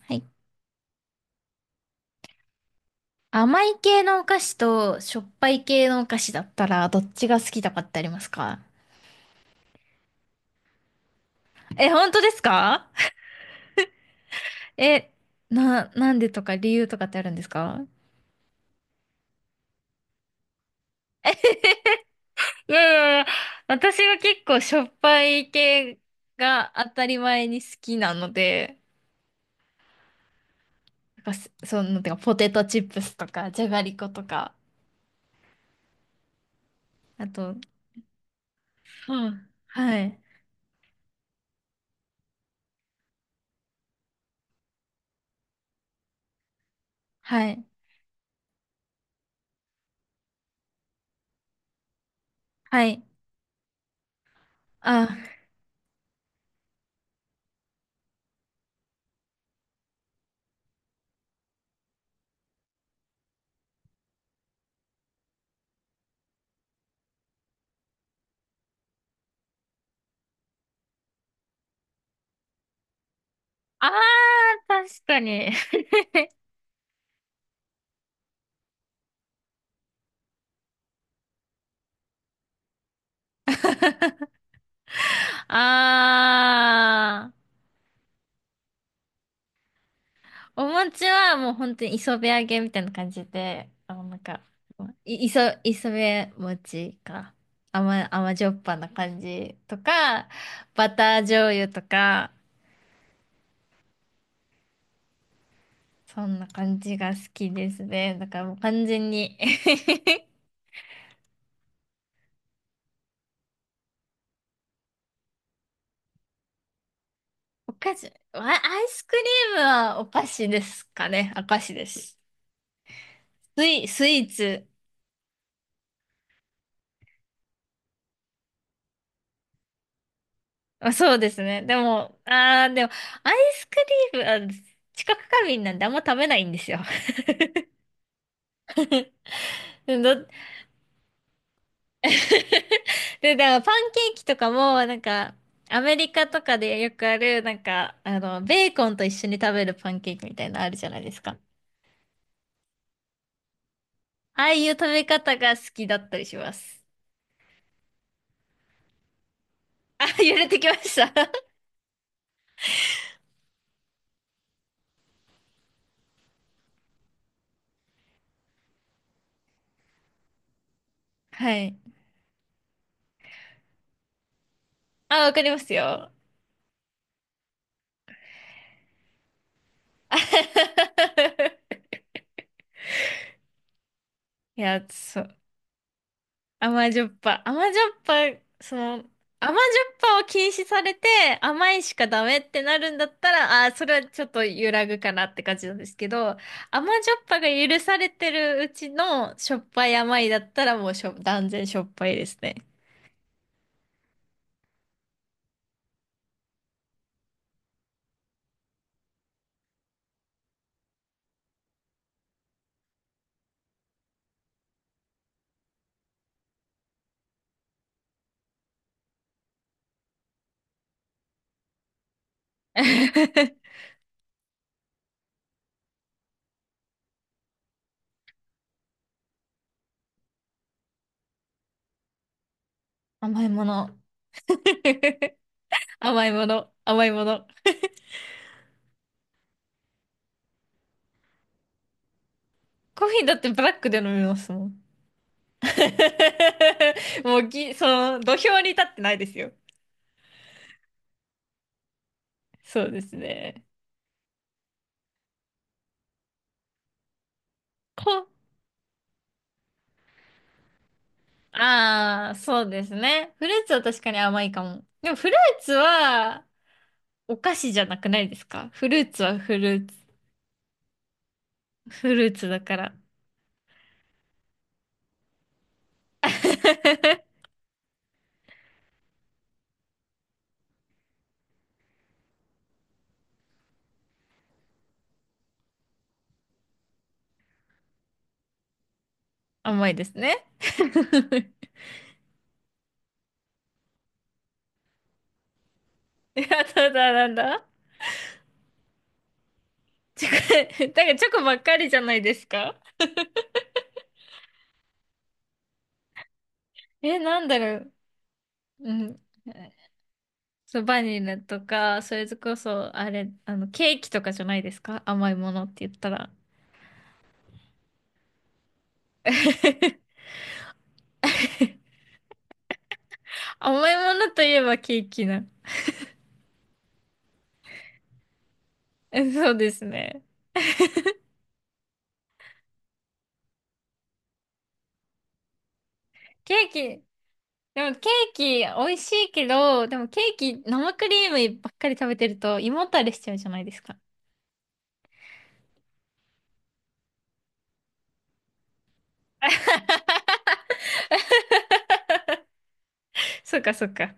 はい。甘い系のお菓子としょっぱい系のお菓子だったらどっちが好きとかってありますか？え、本当ですか？え、なんでとか理由とかってあるんですか？いやいやいや、私は結構しょっぱい系が当たり前に好きなので、なんかすその、てかポテトチップスとか、じゃがりことか、あと、うん、はい、はい、はい、あ、あー、確かに。あー。お餅はもう本当に磯辺揚げみたいな感じで、磯辺餅か。甘じょっぱな感じとか、バター醤油とか、そんな感じが好きですね。だからもう完全に。 お菓子、アイスクリームはお菓子ですかね。お菓子です。スイーツ。まあ、そうですね。でも、あー、でも、アイスクリーム、あ、知覚過敏なんであんま食べないんですよ。どで、だからパンケーキとかも、なんか、アメリカとかでよくある、ベーコンと一緒に食べるパンケーキみたいなのあるじゃないですか。ああいう食べ方が好きだったりします。あ、揺れてきました。はい。あ、わかりますよ。いや、そう。甘じょっぱ。甘じょっぱ、その、甘じょっぱを禁止されて、甘いしかダメってなるんだったら、ああ、それはちょっと揺らぐかなって感じなんですけど、甘じょっぱが許されてるうちのしょっぱい甘いだったらもう断然しょっぱいですね。甘いもの。甘いもの。甘いもの。コーヒーだってブラックで飲みますもん。もうぎ、その、土俵に立ってないですよ。そうですね。こああ、そうですね。フルーツは確かに甘いかも。でもフルーツはお菓子じゃなくないですか？フルーツはフルーツ、フルーツだから。甘いですね。いや、ただなんだ。チョコ、だからチョコばっかりじゃないですか？え、なんだろう。うん。そう、バニラとか、それこそ、あれ、あの、ケーキとかじゃないですか、甘いものって言ったら。甘いものといえばケーキな。えそうですね。ケーキ、でもケーキ美味しいけど、でもケーキ生クリームばっかり食べてると胃もたれしちゃうじゃないですか。そうかそうか。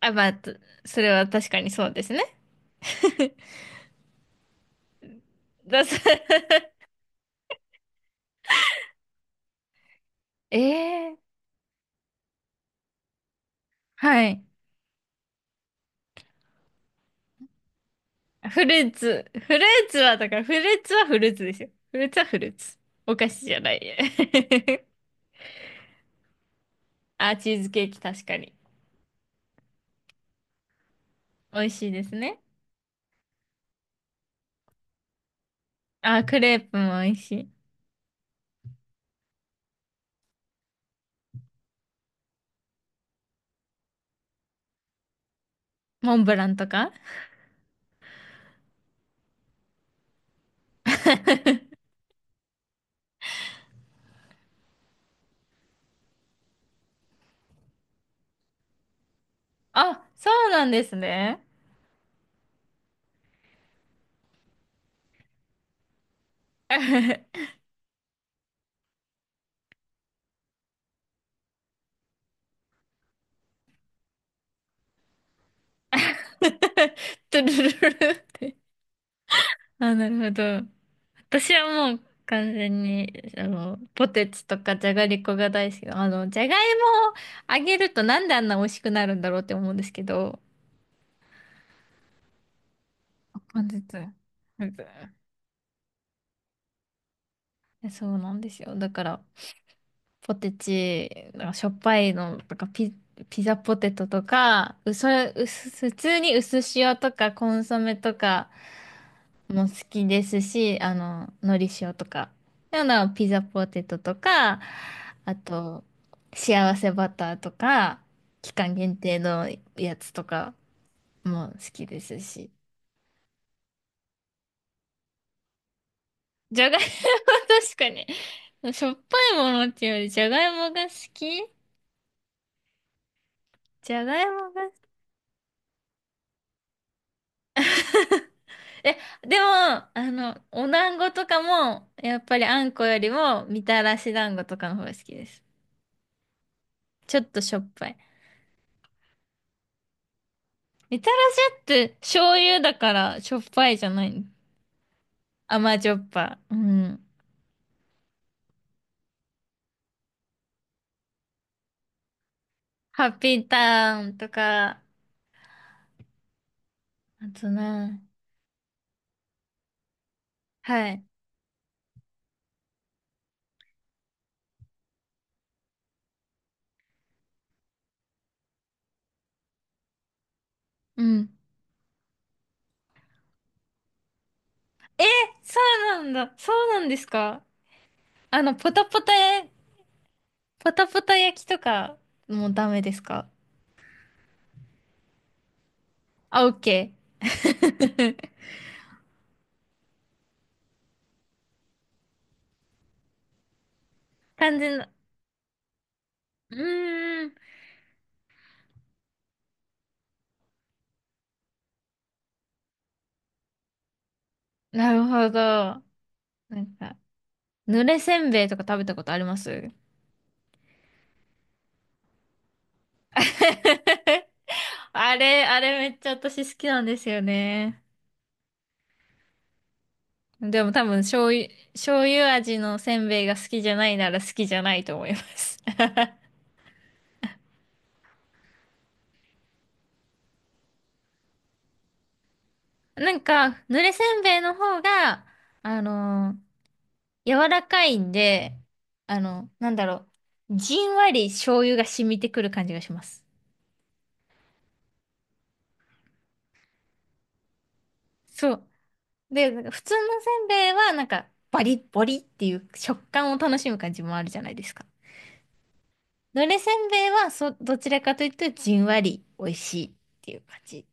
あ、まあ、とそれは確かにそうですね。だす ええ、はい。フルーツ。フルーツは、だからフルーツはフルーツですよ。フルーツはフルーツ。お菓子じゃない。あ、チーズケーキ確かに。美味しいですね。あ、クレープも美味しい。モンブランとか。あ、そうなんですね。トゥルルルって。あ、なるほど。私はもう完全に、あの、ポテチとかじゃがりこが大好きで。あの、じゃがいもをあげるとなんであんな美味しくなるんだろうって思うんですけど。本日。本日。そうなんですよ。だから、ポテチ、なんかしょっぱいのとか、ピザポテトとか、うそ、うす普通に薄塩とかコンソメとか、も好きですし、あの、のり塩とか、あの、ピザポテトとか、あと、幸せバターとか、期間限定のやつとかも好きですし。じゃがいも。 確かに。しょっぱいものっていうより、じゃがいもが好き。じゃがいもが好き。え、でも、あの、お団子とかも、やっぱりあんこよりも、みたらし団子とかの方が好きです。ちょっとしょっぱい。みたらしって醤油だからしょっぱいじゃないの？甘じょっぱ。うん。ハッピーターンとか、あとな、はい。うん。そうなんだ。そうなんですか？あの、ポタポタ、ポタポタ焼きとかもうダメですか？あ、オッケー。完全な。うーん。なるほど。なんか、濡れせんべいとか食べたことあります？ あれ、あれめっちゃ私好きなんですよね。でも多分醤油、醤油味のせんべいが好きじゃないなら好きじゃないと思います。なんか、濡れせんべいの方が、あのー柔らかいんで、あの、なんだろう、じんわり醤油が染みてくる感じがします。そう。で、なんか普通のせんべいは、なんか、バリッボリっていう食感を楽しむ感じもあるじゃないですか。濡れせんべいは、そ、どちらかというと、じんわり美味しいっていう感じ。